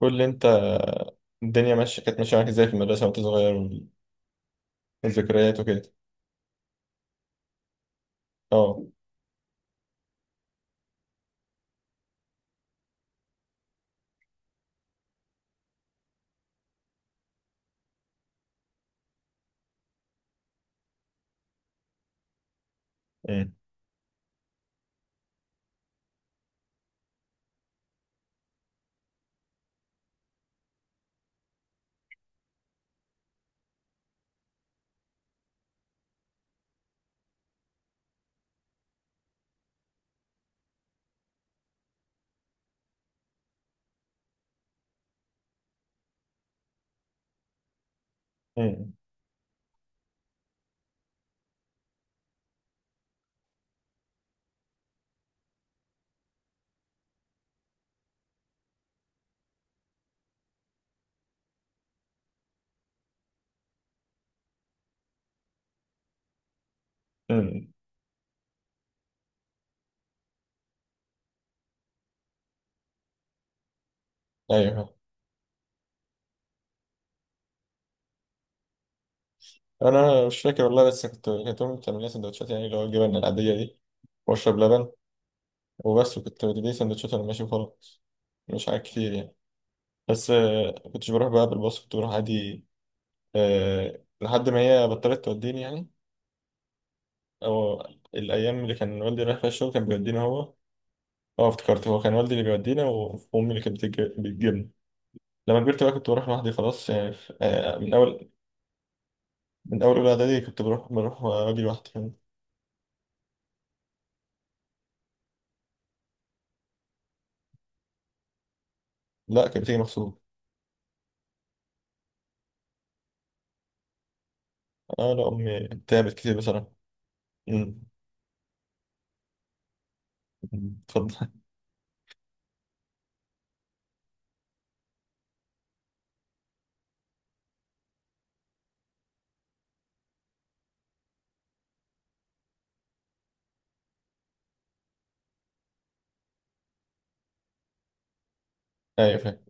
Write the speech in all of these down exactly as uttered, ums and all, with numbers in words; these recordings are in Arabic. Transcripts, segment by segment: قول لي انت، الدنيا ماشيه كانت ماشيه معاك ازاي في المدرسه وانت صغير، والذكريات وكده؟ اه. امم. امم. امم. ايوه. انا مش فاكر والله، بس كنت كنت امي بتعمل لي سندوتشات، يعني اللي هو الجبن العاديه دي، واشرب لبن. وبس. وكنت بدي سندوتشات وانا ماشي وخلاص. مش حاجات كتير يعني. بس آه، كنتش بروح بقى بالباص، كنت بروح عادي. آه، لحد ما هي بطلت توديني يعني. او الايام اللي كان والدي رايح فيها الشغل كان بيودينا هو. اه افتكرت هو كان والدي اللي بيودينا. وامي اللي كانت بتج- بتجيبنا. لما كبرت بقى كنت بروح لوحدي خلاص يعني في... آه، من اول، من اول اولى اعدادي كنت بروح بروح واجي لوحدي كمان. لا، كانت بتيجي مغصوب. اه لا، امي تعبت كتير بصراحه. أمم. اتفضل. ايوه فاهم.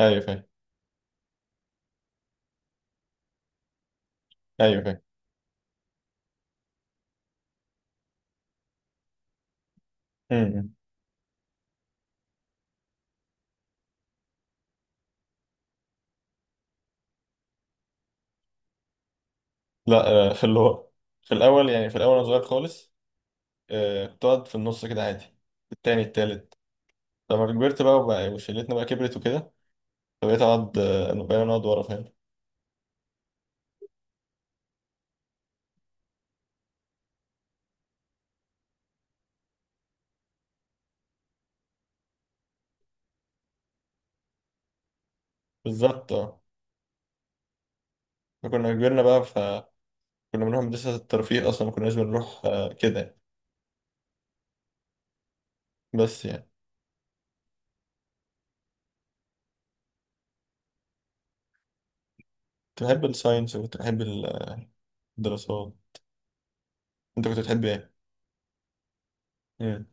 ايوه فاهم. ايوه فاهم. أمم. لا، آه، في اللي هو، في الاول يعني، في الاول انا صغير خالص. آه، كنت اقعد في النص كده عادي. التاني التالت. لما كبرت بقى وبقى وشلتنا، بقى كبرت وكده، فبقيت اقعد، آه، بقينا نقعد ورا، فاهم. بالظبط، اه. فكنا كبرنا بقى، فكنا بنروح مدرسة الترفيه أصلا، ما كناش بنروح آه، كده. بس يعني. كنت بحب الساينس وكنت بحب الدراسات. انت كنت بتحب ايه؟ مم.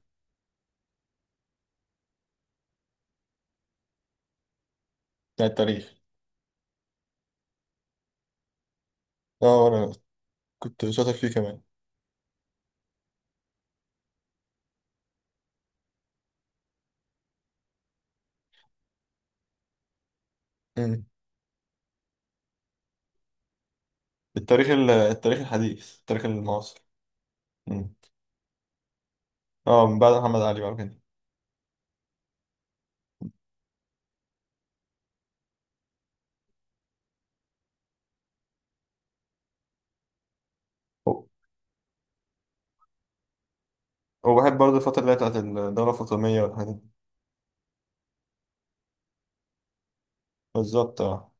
بتاع التاريخ. اه، وانا كنت شاطر فيه كمان. مم. التاريخ ال- التاريخ الحديث، التاريخ المعاصر. مم. اه، من بعد محمد علي بقى كده. وبحب برضه الفترة اللي هي بتاعت الدولة الفاطمية والحاجات دي. بالظبط، اه.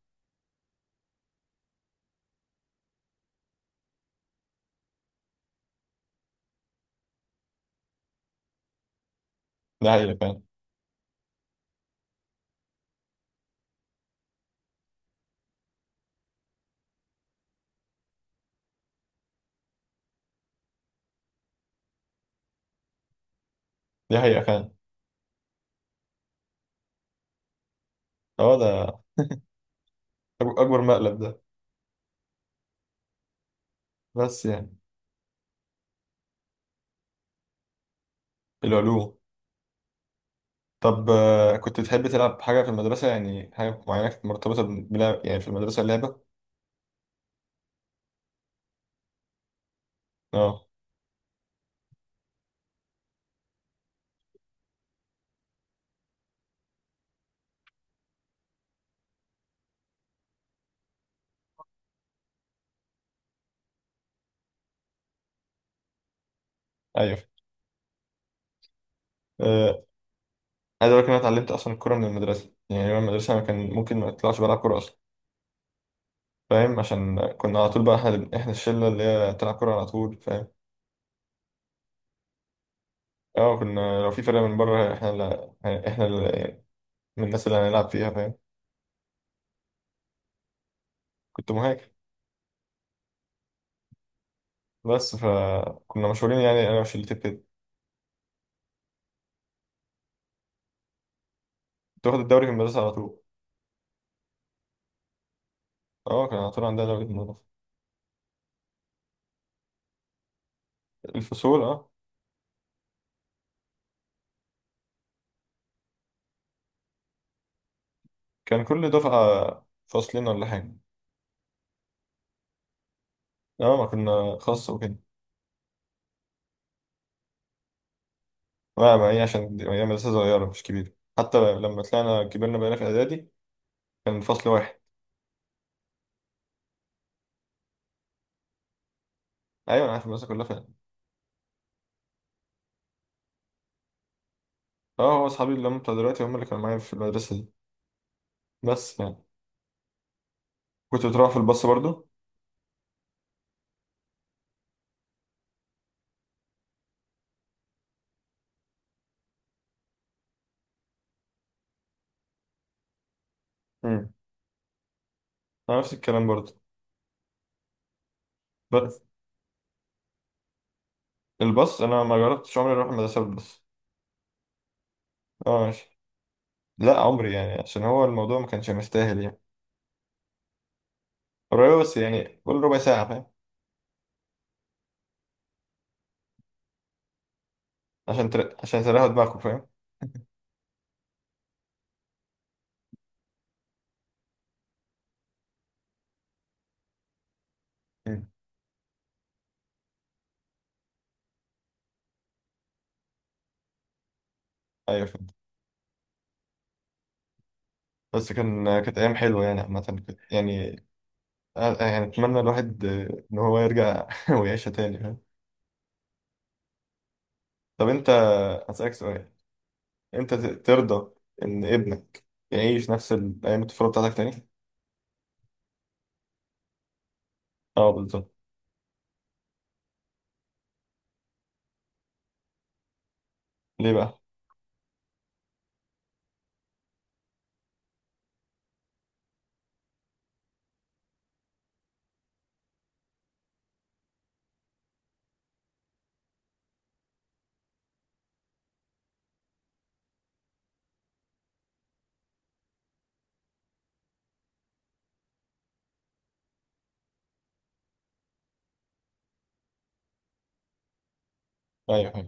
دي حقيقة فعلا. دي حقيقة فعلا. اه، ده أك- أكبر مقلب ده. بس يعني. العلوم. طب آه، كنت تحب تلعب حاجة في المدرسة، يعني حاجة معينة كانت مرتبطة بلعب يعني في المدرسة، اللعبة؟ اه. ايوه. آه، عايز اقول لك إن انا اتعلمت اصلا الكوره من المدرسه، يعني يوم المدرسه انا كان ممكن ما اطلعش بلعب كوره اصلا، فاهم. عشان كنا على طول بقى احنا احنا الشله اللي هي بتلعب كوره على طول، فاهم. اه، كنا لو في فرقه من بره احنا اللي، احنا اللي، من الناس اللي هنلعب فيها، فاهم. كنت مهاجم. بس فكنا مشهورين يعني، انا وشلتي كده. تاخد الدوري في المدرسه على طول. اه، كان على طول عندنا دوري في المدرسه. الفصول، اه. كان كل دفعه فصلين ولا حاجه. اه، ما كنا خاص وكده. لا، ما هي عشان دي- هي مدرسه صغيره، مش كبيره. حتى لما طلعنا كبرنا بقينا في اعدادي، كان فصل واحد. ايوه، انا عارف المدرسه كلها فعلا. اه، هو اصحابي اللي هم بتوع دلوقتي هم اللي كانوا معايا في المدرسه دي. بس يعني. كنت بتروح في الباص برضو؟ امم. انا نفس الكلام برضو. بس الباص، انا ما جربتش عمري اروح المدرسه بالباص. اه ماشي. لا، عمري، يعني عشان هو الموضوع ما كانش مستاهل يعني. قريب، بس يعني كل ربع ساعه فاهم. عشان تر... عشان تريحوا دماغكم، فاهم. امم. ايوه فاهم. بس كان كانت ايام حلوه يعني عامه. كنت- يعني، آه، يعني اتمنى الواحد آه، ان هو يرجع ويعيشها تاني، فاهم. طب انت، هسألك سؤال. انت ت- ترضى ان ابنك يعيش نفس ال- ايام الطفوله بتاعتك تاني؟ اه بالظبط. ليه بقى؟ ايوه، ايوه.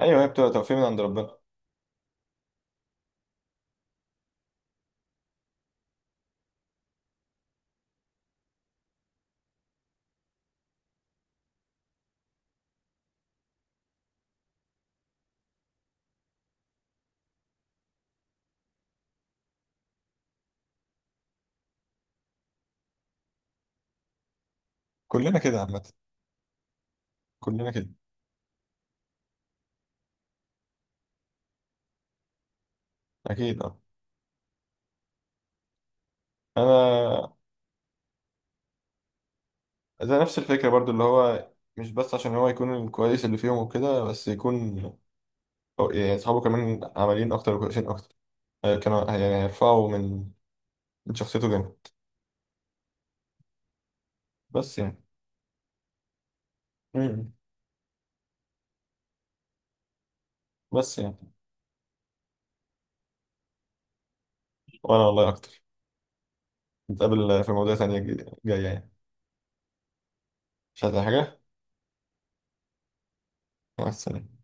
ايوه، هي بتبقى توفيق من عند ربنا. كلنا كده عامه. كلنا كده. اكيد، اه. انا، ده نفس الفكره برضو، اللي هو مش بس عشان هو يكون الكويس اللي فيهم وكده، بس يكون أو- يعني اصحابه كمان عمليين اكتر وكويسين اكتر. آه، كانوا يعني هيرفعوا من، من شخصيته جامد. بس يعني. مم. بس يعني. وانا والله اكتر. نتقابل في مواضيع تانية جاية يعني. مش عايز أي حاجة. مع السلامة.